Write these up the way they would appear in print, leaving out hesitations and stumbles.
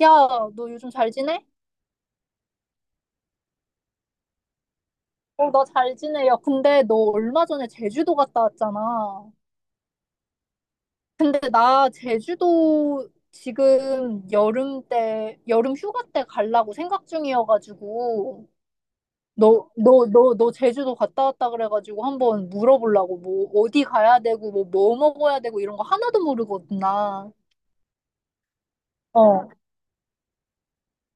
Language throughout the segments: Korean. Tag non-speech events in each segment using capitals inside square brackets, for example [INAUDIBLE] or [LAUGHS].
야, 너 요즘 잘 지내? 어, 나 잘 지내. 야, 근데 너 얼마 전에 제주도 갔다 왔잖아. 근데 나 제주도 지금 여름 때, 여름 휴가 때 가려고 생각 중이어가지고, 너 제주도 갔다 왔다 그래가지고 한번 물어보려고. 뭐, 어디 가야 되고, 뭐, 뭐 먹어야 되고 이런 거 하나도 모르거든, 나. 어.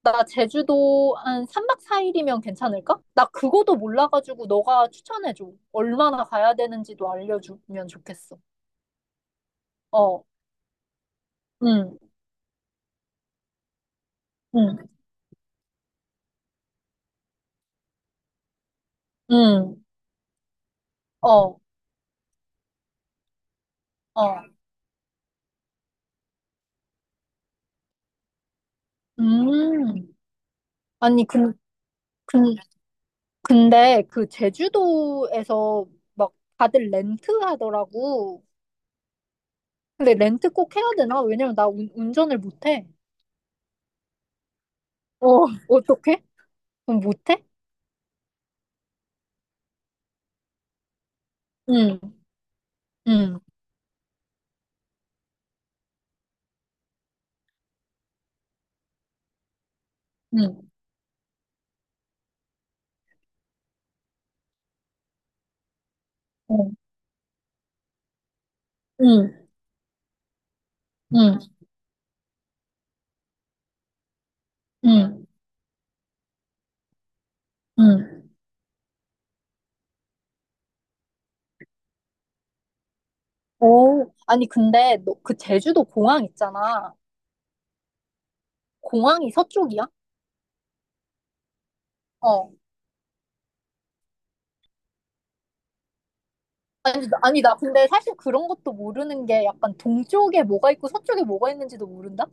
나 제주도 한 3박 4일이면 괜찮을까? 나 그거도 몰라가지고 너가 추천해줘. 얼마나 가야 되는지도 알려주면 좋겠어. 어, 응, 응, 응, 어, 어, 음. 아니, 근, 근데 그 제주도에서 막 다들 렌트 하더라고. 근데 렌트 꼭 해야 되나? 왜냐면 나 운전을 못해. 어, [LAUGHS] 어떡해? 그럼 못해? 응, 응, 응, 응, 응, 응, 응. 응. 오, 아니, 근데, 너, 그 제주도 공항 있잖아. 공항이 서쪽이야? 어. 아니, 아니, 나 근데 사실 그런 것도 모르는 게 약간 동쪽에 뭐가 있고 서쪽에 뭐가 있는지도 모른다?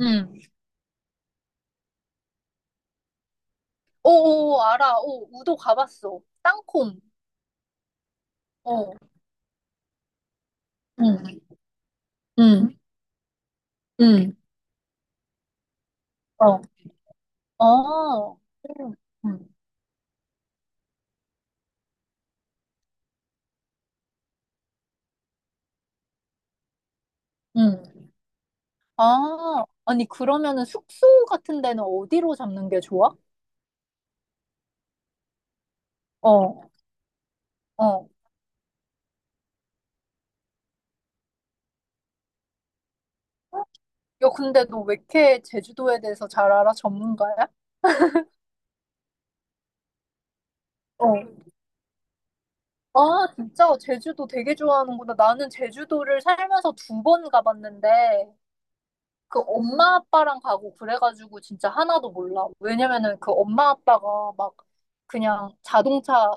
응. 오, 오, 오, 알아. 오, 우도 가봤어. 땅콩. 어. 응, 응, 응. 어. 어. 응, 응. 응. 아, 아니, 그러면은 숙소 같은 데는 어디로 잡는 게 좋아? 어, 어. 야, 근데 너 왜 이렇게 제주도에 대해서 잘 알아? 전문가야? 어. 아, 진짜 제주도 되게 좋아하는구나. 나는 제주도를 살면서 두 번 가봤는데, 그 엄마 아빠랑 가고 그래가지고 진짜 하나도 몰라. 왜냐면은 그 엄마 아빠가 막 그냥 자동차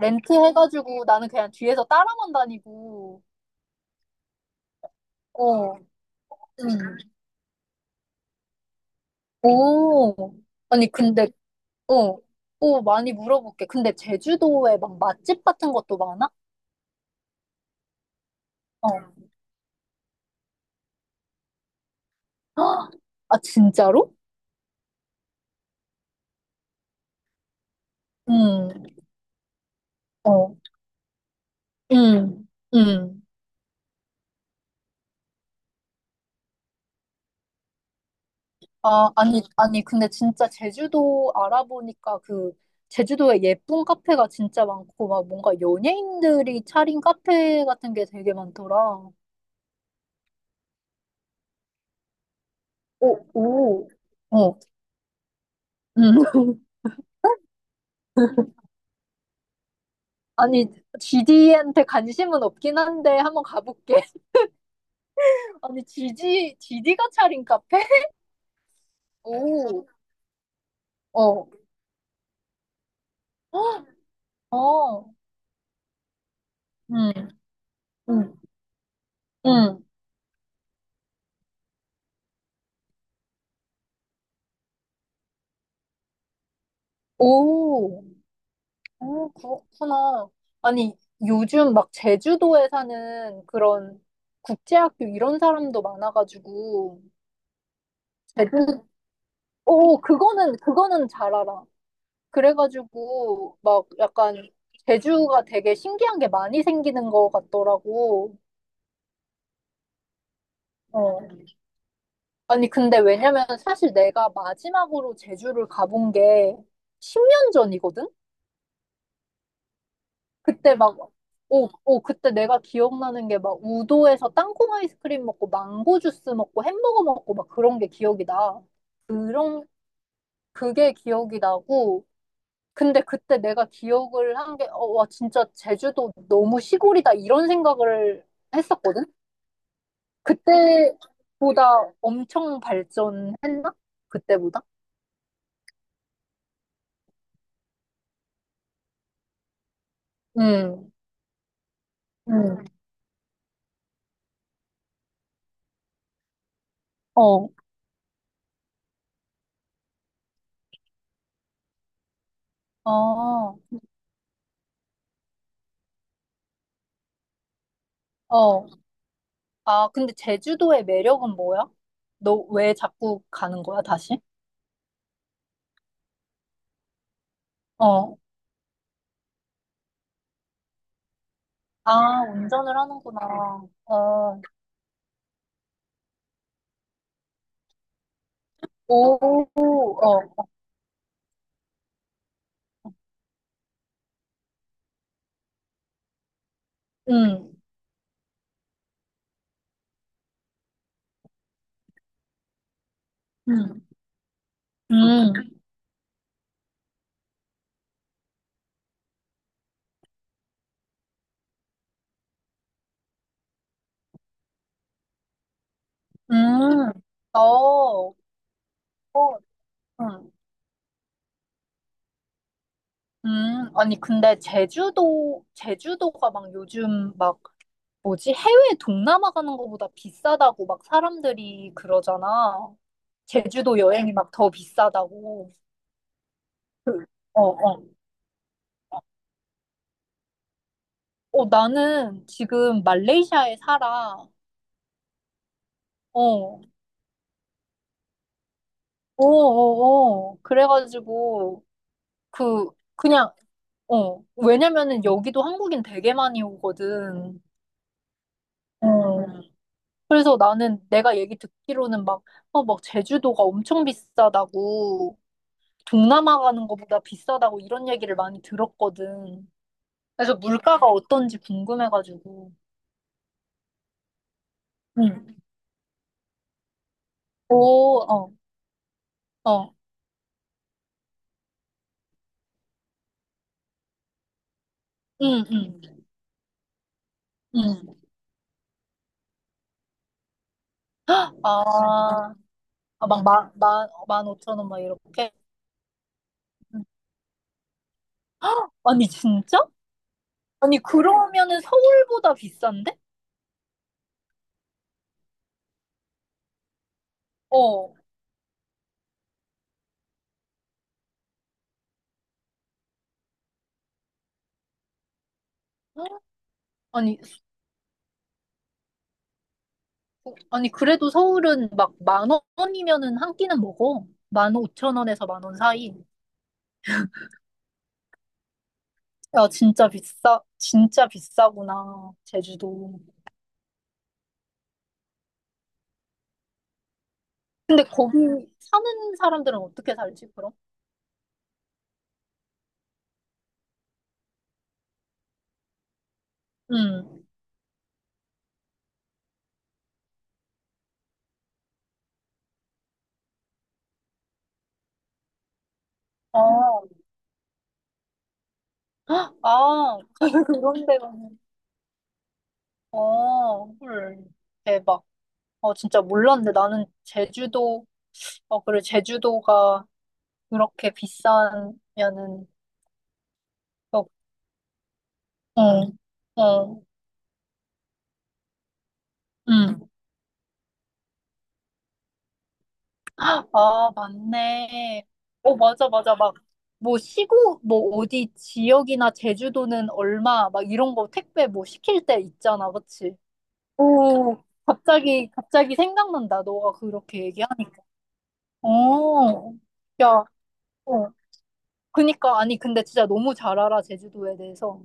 렌트해가지고 나는 그냥 뒤에서 따라만 다니고, 어, 응. 오. 아니, 근데, 어, 오, 많이 물어볼게. 근데 제주도에 막 맛집 같은 것도 많아? 어. 헉, 아, 진짜로? 응, 어, 응응 아, 아니, 아니, 근데 진짜 제주도 알아보니까 그, 제주도에 예쁜 카페가 진짜 많고, 막 뭔가 연예인들이 차린 카페 같은 게 되게 많더라. 오, 오. 어, 음. [LAUGHS] 아니, GD한테 관심은 없긴 한데, 한번 가볼게. [LAUGHS] 아니, GD, 지디가 차린 카페? 오, 어, [GASPS] 어, 음, 음, 음, 오. 어, 그렇구나. 아니, 요즘 막 제주도에 사는 그런 국제학교 이런 사람도 많아가지고, 제주, 오, 그거는 잘 알아. 그래가지고, 막 약간 제주가 되게 신기한 게 많이 생기는 것 같더라고. 어. 아니, 근데 왜냐면 사실 내가 마지막으로 제주를 가본 게 10년 전이거든? 그때 막, 오, 오, 그때 내가 기억나는 게 막 우도에서 땅콩 아이스크림 먹고 망고 주스 먹고 햄버거 먹고 막 그런 게 기억이 나. 그런, 그게 기억이 나고, 근데 그때 내가 기억을 한 게, 어, 와, 진짜 제주도 너무 시골이다, 이런 생각을 했었거든? 그때보다 엄청 발전했나? 그때보다? 음, 음, 어, 어, 어. 아, 근데 제주도의 매력은 뭐야? 너 왜 자꾸 가는 거야, 다시? 어. 아, 운전을 하는구나. 어. 오, 어. 음, 음, 음, 음. 어, 어, 음, 아니, 근데 제주도가 막 요즘 막, 뭐지? 해외 동남아 가는 거보다 비싸다고 막 사람들이 그러잖아. 제주도 여행이 막 더 비싸다고. 그, 어, 어. 어, 나는 지금 말레이시아에 살아. 어, 어, 어, 어. 그래가지고, 그, 그냥, 어. 왜냐면은 여기도 한국인 되게 많이 오거든. 어. 그래서 나는 내가 얘기 듣기로는 막, 어, 막 제주도가 엄청 비싸다고, 동남아 가는 것보다 비싸다고 이런 얘기를 많이 들었거든. 그래서 물가가 어떤지 궁금해가지고. 응. 오, 어, 어. 응, 응, 응. 아. 아, 막 만 오천 원 막 이렇게? 음. 아니, 진짜? 아니, 그러면은 서울보다 비싼데? 어. 아니, 아니, 그래도 서울은 막 만 원이면은 한 끼는 먹어. 만 오천 원에서 10,000원 사이. 야, 진짜 비싸, 진짜 비싸구나, 제주도. 근데 거기 사는 사람들은 어떻게 살지, 그럼? 응. 아, 아, [LAUGHS] 그런 데가. 아, 헐. 대박. 아, 진짜 몰랐는데 나는 제주도 어, 그리고 제주도가 그렇게 비싸면은, 어, 어, 응. 응. 아, 맞네. 어, 맞아, 맞아. 막, 뭐, 시구 뭐, 어디 지역이나 제주도는 얼마, 막 이런 거 택배 뭐 시킬 때 있잖아, 그치? 오, 갑자기, 갑자기 생각난다. 너가 그렇게 얘기하니까. 어, 야, 어. 그니까, 아니, 근데 진짜 너무 잘 알아, 제주도에 대해서.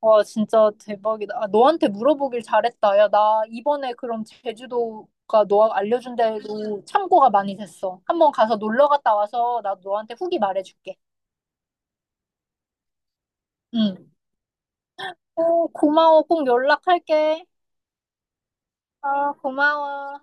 와, 진짜 대박이다. 아, 너한테 물어보길 잘했다. 야, 나 이번에 그럼 제주도가 너가 알려준 대로 참고가 많이 됐어. 한번 가서 놀러 갔다 와서 나 너한테 후기 말해줄게. 응. 오, 고마워. 꼭 연락할게. 아, 고마워.